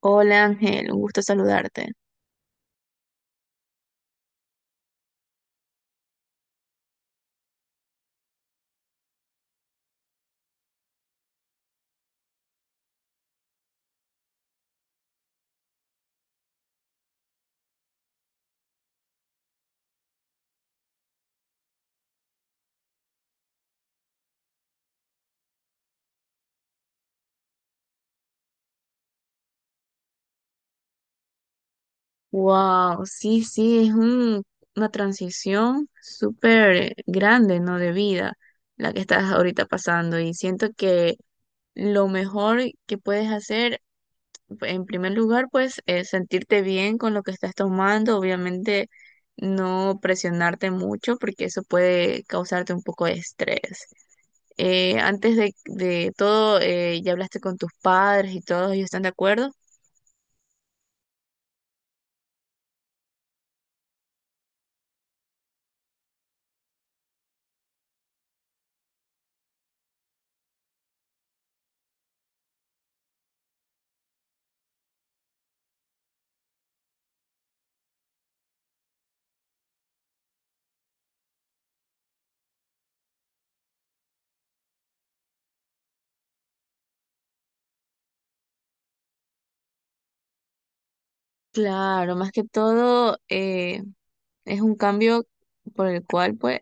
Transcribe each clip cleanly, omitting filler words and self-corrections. Hola Ángel, un gusto saludarte. Wow, sí, sí, una transición súper grande, ¿no? De vida, la que estás ahorita pasando. Y siento que lo mejor que puedes hacer, en primer lugar, pues, es sentirte bien con lo que estás tomando. Obviamente, no presionarte mucho, porque eso puede causarte un poco de estrés. Antes de todo, ¿ya hablaste con tus padres y todos ellos están de acuerdo? Claro, más que todo es un cambio por el cual pues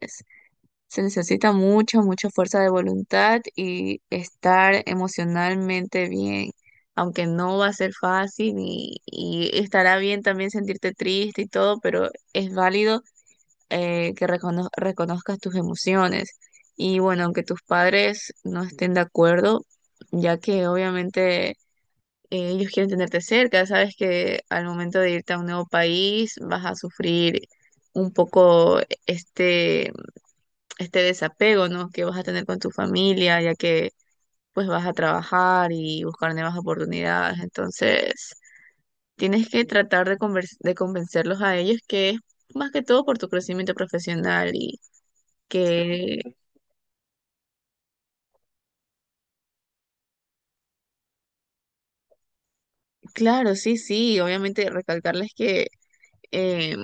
se necesita mucha, mucha fuerza de voluntad y estar emocionalmente bien, aunque no va a ser fácil y estará bien también sentirte triste y todo, pero es válido que reconozcas tus emociones. Y bueno, aunque tus padres no estén de acuerdo, ya que obviamente ellos quieren tenerte cerca, sabes que al momento de irte a un nuevo país vas a sufrir un poco este, este desapego, ¿no? Que vas a tener con tu familia, ya que pues vas a trabajar y buscar nuevas oportunidades. Entonces, tienes que tratar de de convencerlos a ellos que es más que todo por tu crecimiento profesional y que, claro, sí, sí, obviamente recalcarles que eh,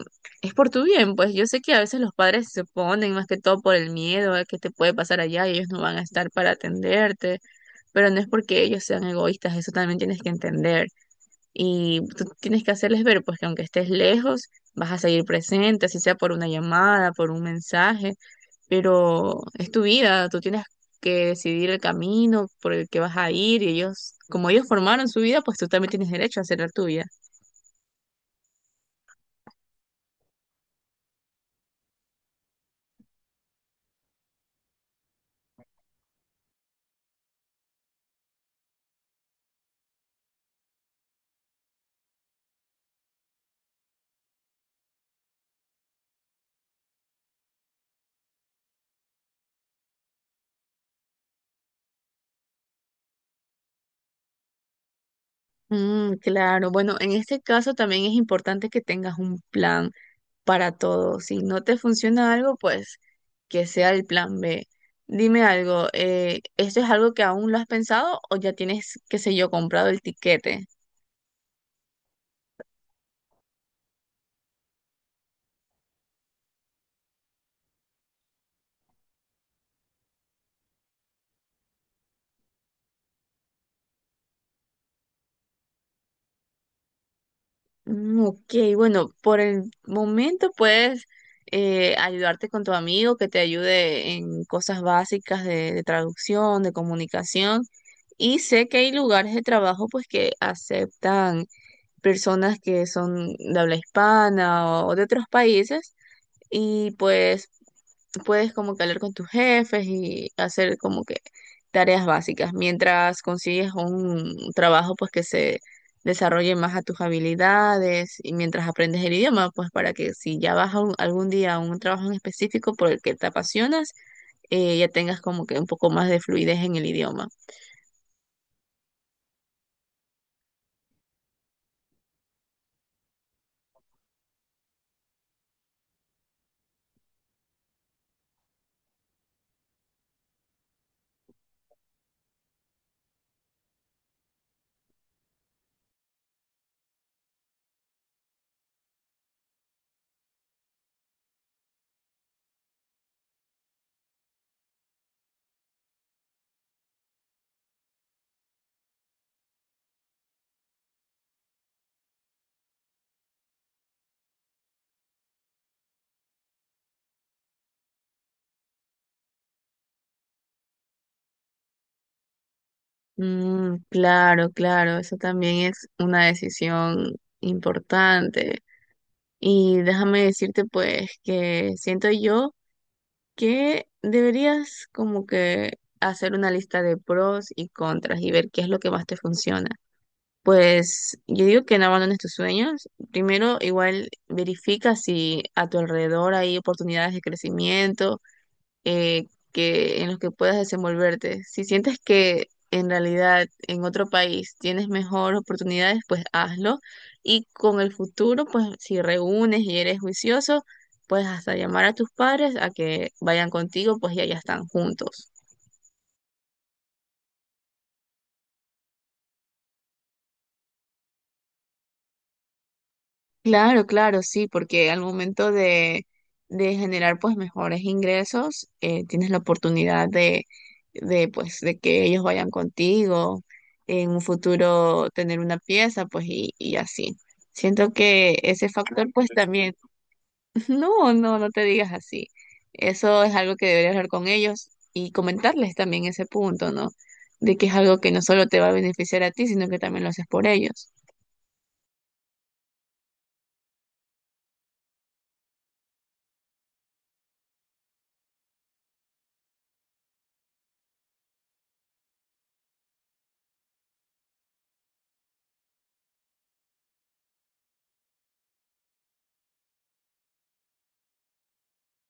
es por tu bien, pues yo sé que a veces los padres se ponen más que todo por el miedo a que te puede pasar allá y ellos no van a estar para atenderte, pero no es porque ellos sean egoístas, eso también tienes que entender y tú tienes que hacerles ver pues que aunque estés lejos, vas a seguir presente, así sea por una llamada, por un mensaje, pero es tu vida, tú tienes que decidir el camino por el que vas a ir y ellos, como ellos formaron su vida, pues tú también tienes derecho a hacer la tuya. Mm, claro, bueno, en este caso también es importante que tengas un plan para todo. Si no te funciona algo, pues que sea el plan B. Dime algo, ¿esto es algo que aún lo has pensado o ya tienes, qué sé yo, comprado el tiquete? Mm, ok, bueno, por el momento puedes ayudarte con tu amigo que te ayude en cosas básicas de traducción, de comunicación. Y sé que hay lugares de trabajo pues que aceptan personas que son de habla hispana o de otros países y pues puedes como que hablar con tus jefes y hacer como que tareas básicas mientras consigues un trabajo pues que se desarrolle más a tus habilidades y mientras aprendes el idioma pues para que si ya vas a algún día a un trabajo en específico por el que te apasionas, ya tengas como que un poco más de fluidez en el idioma. Mm, claro, claro, eso también es una decisión importante. Y déjame decirte pues que siento yo que deberías como que hacer una lista de pros y contras y ver qué es lo que más te funciona. Pues yo digo que no abandones tus sueños. Primero, igual verifica si a tu alrededor hay oportunidades de crecimiento eh, en los que puedas desenvolverte. Si sientes que en realidad en otro país tienes mejor oportunidades, pues hazlo. Y con el futuro, pues si reúnes y eres juicioso, puedes hasta llamar a tus padres a que vayan contigo, pues ya están juntos. Claro, claro, sí, porque al momento de generar pues mejores ingresos, tienes la oportunidad de pues de que ellos vayan contigo, en un futuro tener una pieza, pues y así. Siento que ese factor pues también, no, no, no te digas así. Eso es algo que deberías hablar con ellos y comentarles también ese punto, ¿no? De que es algo que no solo te va a beneficiar a ti, sino que también lo haces por ellos.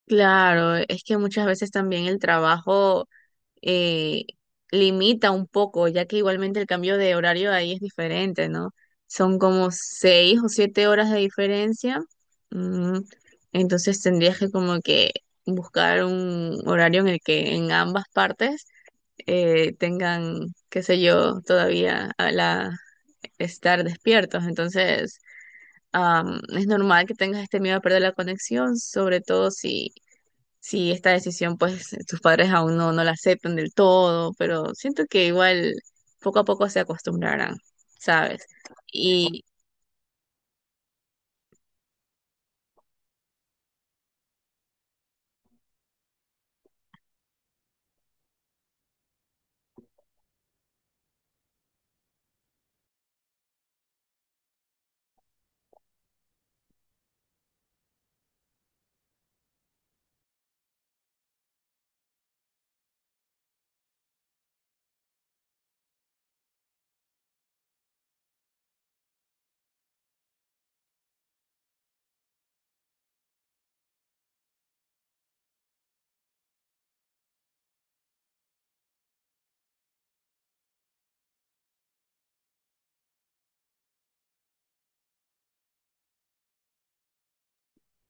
Claro, es que muchas veces también el trabajo eh, limita un poco, ya que igualmente el cambio de horario ahí es diferente, ¿no? Son como seis o siete horas de diferencia, mm, entonces tendrías que como que buscar un horario en el que en ambas partes tengan, qué sé yo, todavía a la estar despiertos. Entonces, es normal que tengas este miedo a perder la conexión, sobre todo si sí, esta decisión, pues tus padres aún no, no la aceptan del todo, pero siento que igual poco a poco se acostumbrarán, ¿sabes? Y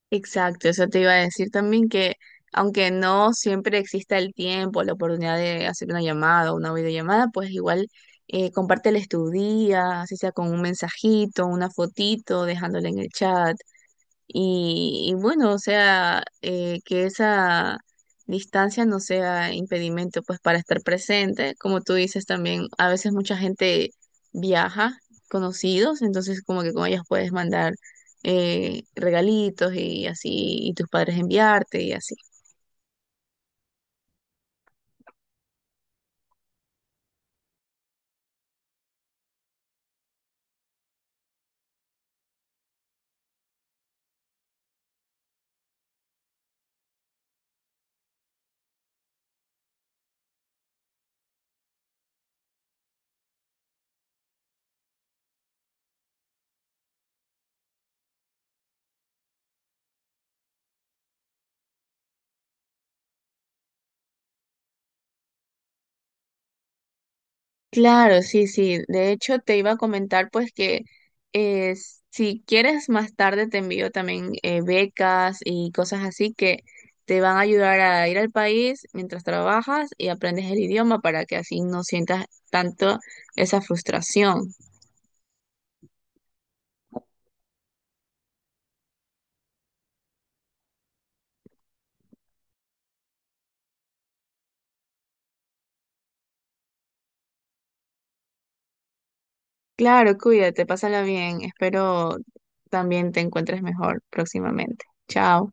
exacto, eso te iba a decir también que aunque no siempre exista el tiempo, la oportunidad de hacer una llamada o una videollamada, pues igual, compárteles tu día, así sea con un mensajito, una fotito, dejándole en el chat. Y bueno, o sea, que esa distancia no sea impedimento pues para estar presente. Como tú dices también, a veces mucha gente viaja, conocidos, entonces como que con ellas puedes mandar regalitos y así, y tus padres enviarte y así. Claro, sí, sí. De hecho, te iba a comentar pues que eh, si quieres más tarde te envío también becas y cosas así que te van a ayudar a ir al país mientras trabajas y aprendes el idioma para que así no sientas tanto esa frustración. Claro, cuídate, pásala bien. Espero también te encuentres mejor próximamente. Chao.